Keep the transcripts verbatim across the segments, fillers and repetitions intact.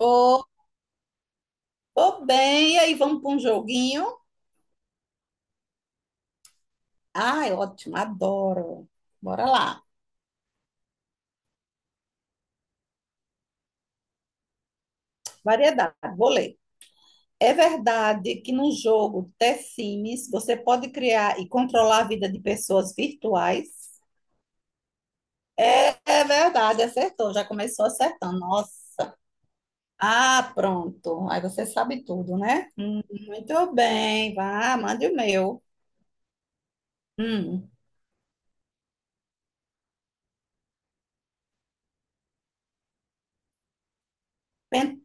Ô, tô bem, e aí vamos para um joguinho? Ai, ótimo, adoro. Bora lá. Variedade, vou ler. É verdade que no jogo The Sims você pode criar e controlar a vida de pessoas virtuais? É verdade, acertou, já começou acertando. Nossa. Ah, pronto. Aí você sabe tudo, né? Hum, muito bem, vá, mande o meu. Hum, pen-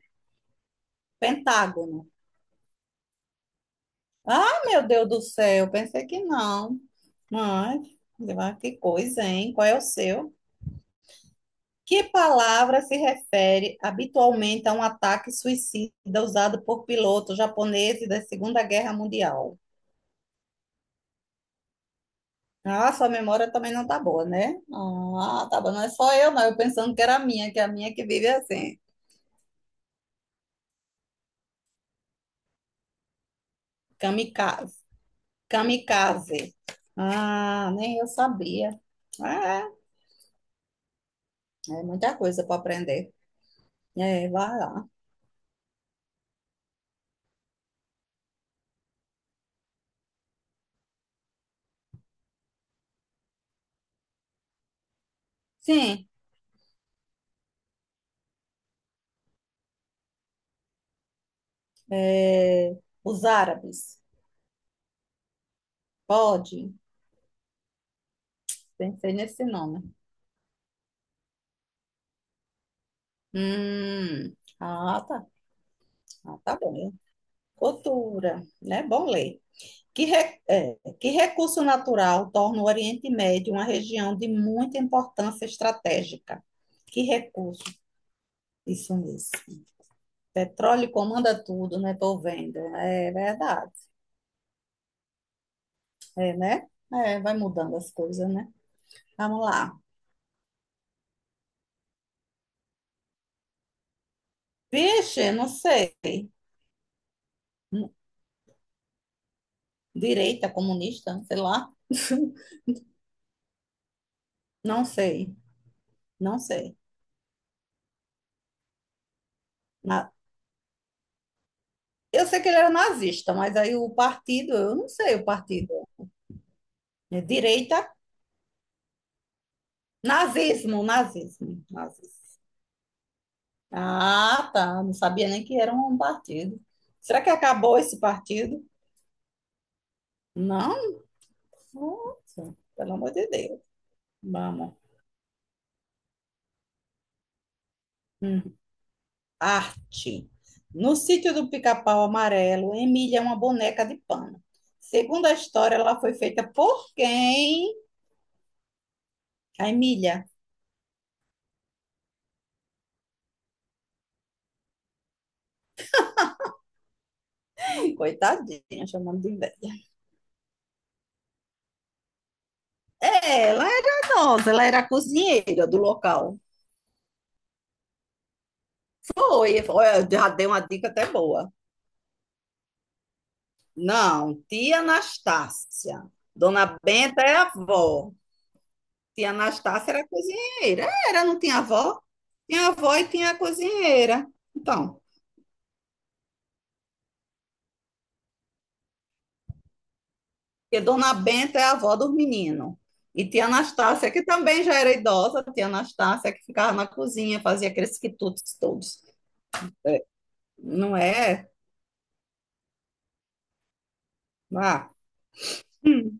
Pentágono. Ah, meu Deus do céu, pensei que não. Mas, ah, que coisa, hein? Qual é o seu? Que palavra se refere habitualmente a um ataque suicida usado por pilotos japoneses da Segunda Guerra Mundial? Ah, sua memória também não tá boa, né? Ah, tá bom, não é só eu, não. Eu pensando que era a minha, que é a minha que vive assim. Kamikaze. Kamikaze. Ah, nem eu sabia. É, é muita coisa para aprender. É, vai lá. Sim. É, os árabes. Pode? Pensei nesse nome. Hum, ah, tá. Ah, tá bom. Cultura, né? Bom ler. Que, re- é, que recurso natural torna o Oriente Médio uma região de muita importância estratégica? Que recurso? Isso mesmo. Petróleo comanda tudo, né? Tô vendo. É verdade. É, né? É, vai mudando as coisas, né? Vamos lá. Peixe, não sei. Direita, comunista, sei lá. Não sei, não sei. Na- Eu sei que ele era nazista, mas aí o partido, eu não sei o partido. É direita, nazismo, nazismo, nazismo. Ah, tá. Não sabia nem que era um partido. Será que acabou esse partido? Não, nossa, pelo amor de Deus. Vamos. Hum. Arte. No sítio do Pica-Pau Amarelo, Emília é uma boneca de pano. Segundo a história, ela foi feita por quem? A Emília, coitadinha, chamando de velha. É, ela era nossa, ela era a cozinheira do local. Foi, foi, eu já dei uma dica até boa. Não, tia Anastácia. Dona Benta é a avó. Tia Anastácia era cozinheira. É, era, não tinha avó? Tinha avó e tinha cozinheira. Então, porque Dona Benta é a avó dos meninos. E tia Anastácia, que também já era idosa, tia Anastácia que ficava na cozinha, fazia aqueles quitutes todos. É, não é? Ah, Hum,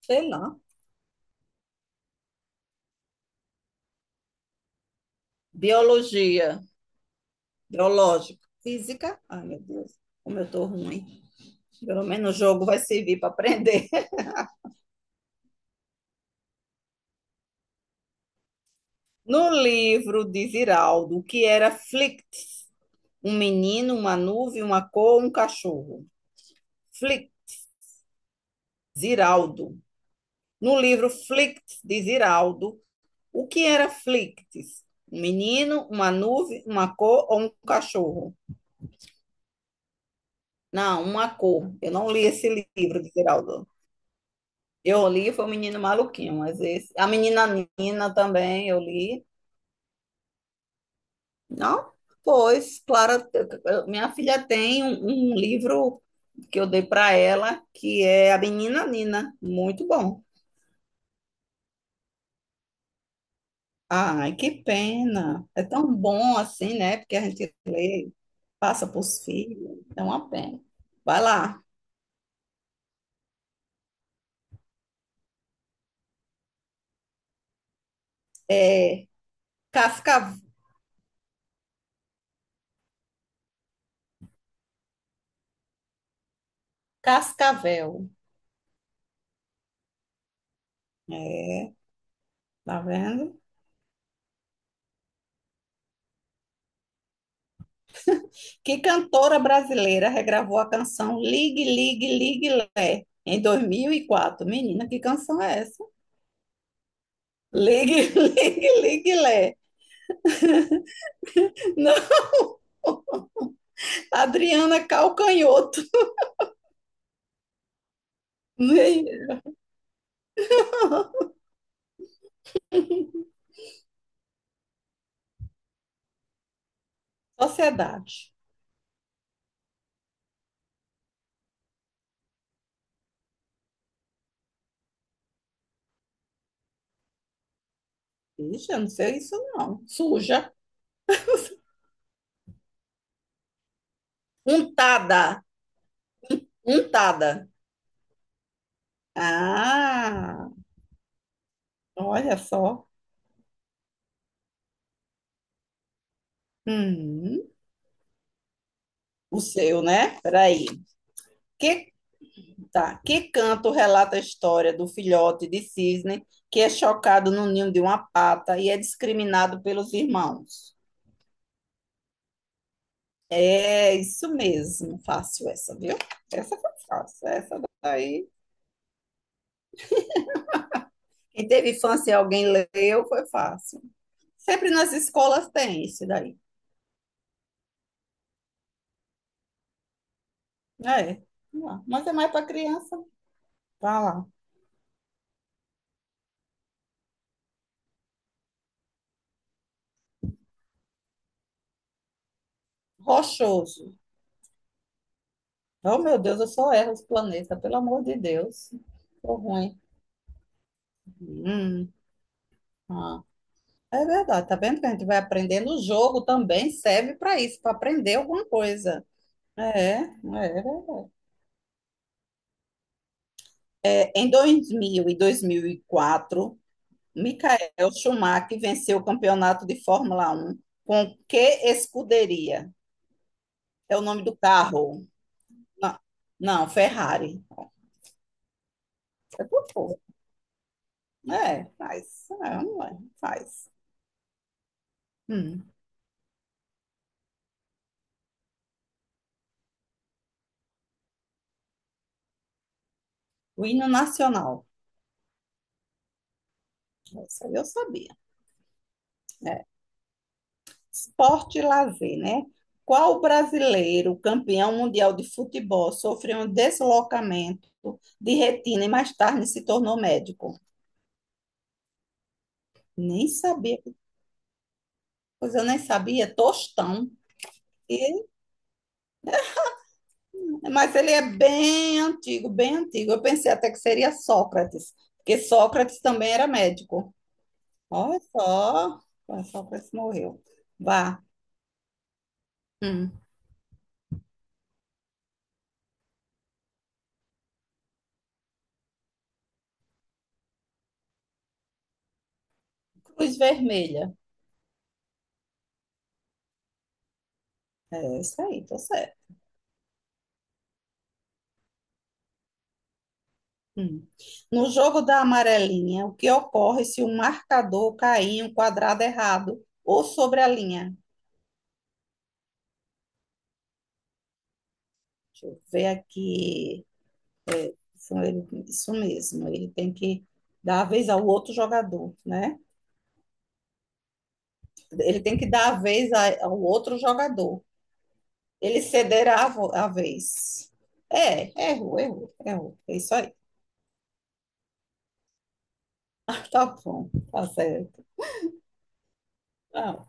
sei lá. Biologia, biológico, física. Ai, meu Deus, como eu tô ruim. Pelo menos o jogo vai servir para aprender. No livro de Ziraldo, o que era Flict? Um menino, uma nuvem, uma cor, um cachorro. Flict, Ziraldo. No livro Flict de Ziraldo, o que era Flicts? Um menino, uma nuvem, uma cor ou um cachorro? Não, uma cor. Eu não li esse livro de Ziraldo. Eu li, foi o Menino Maluquinho, mas esse, a Menina Nina também eu li. Não, pois, Clara, minha filha tem um, um livro que eu dei para ela, que é A Menina Nina, muito bom. Ai, que pena. É tão bom assim, né? Porque a gente lê, passa para os filhos, é uma pena. Vai lá. É Casca, Cascavel. É, tá vendo? Que cantora brasileira regravou a canção Ligue, Ligue, Ligue Lé em dois mil e quatro? Menina, que canção é essa? Ligue, Ligue, Ligue Lé. Não, Adriana Calcanhoto. Menina. Sociedade. Ixi, eu não sei isso não. Suja. Untada. Untada. Ah, olha só. Hum, o seu, né? Peraí. Que Tá. Que canto relata a história do filhote de cisne que é chocado no ninho de uma pata e é discriminado pelos irmãos? É isso mesmo. Fácil essa, viu? Essa foi fácil. Essa daí. Quem teve infância e alguém leu, foi fácil. Sempre nas escolas tem isso daí. É. Vamos lá. Mas é mais para criança. Vai lá. Rochoso. Oh, meu Deus, eu só erro os planetas, pelo amor de Deus. Tô ruim. Hum, ah. É verdade, tá vendo que a gente vai aprendendo? O jogo também serve para isso, para aprender alguma coisa. É, é verdade. É, em dois mil e dois mil e quatro, Michael Schumacher venceu o campeonato de Fórmula um com que escuderia? É o nome do carro? Não, não, Ferrari. É, por favor. É, faz. É, não é, faz. Hum. O hino nacional. Isso aí eu sabia. Esporte e lazer, né? Qual brasileiro, campeão mundial de futebol, sofreu um deslocamento de retina e mais tarde se tornou médico? Nem sabia, pois eu nem sabia, Tostão. E- mas ele é bem antigo, bem antigo. Eu pensei até que seria Sócrates, porque Sócrates também era médico. Olha só, olha, Sócrates morreu. Vá. Hum. Cruz Vermelha. É isso aí, tô certo. Hum. No jogo da amarelinha, o que ocorre se o marcador cair em um quadrado errado ou sobre a linha? Deixa eu ver aqui. Isso, ele- isso mesmo, ele tem que dar a vez ao outro jogador, né? Ele tem que dar a vez a- ao outro jogador. Ele cederá a, vo- a vez. É, errou, errou, errou. É isso aí. Tá bom, tá certo. Ah,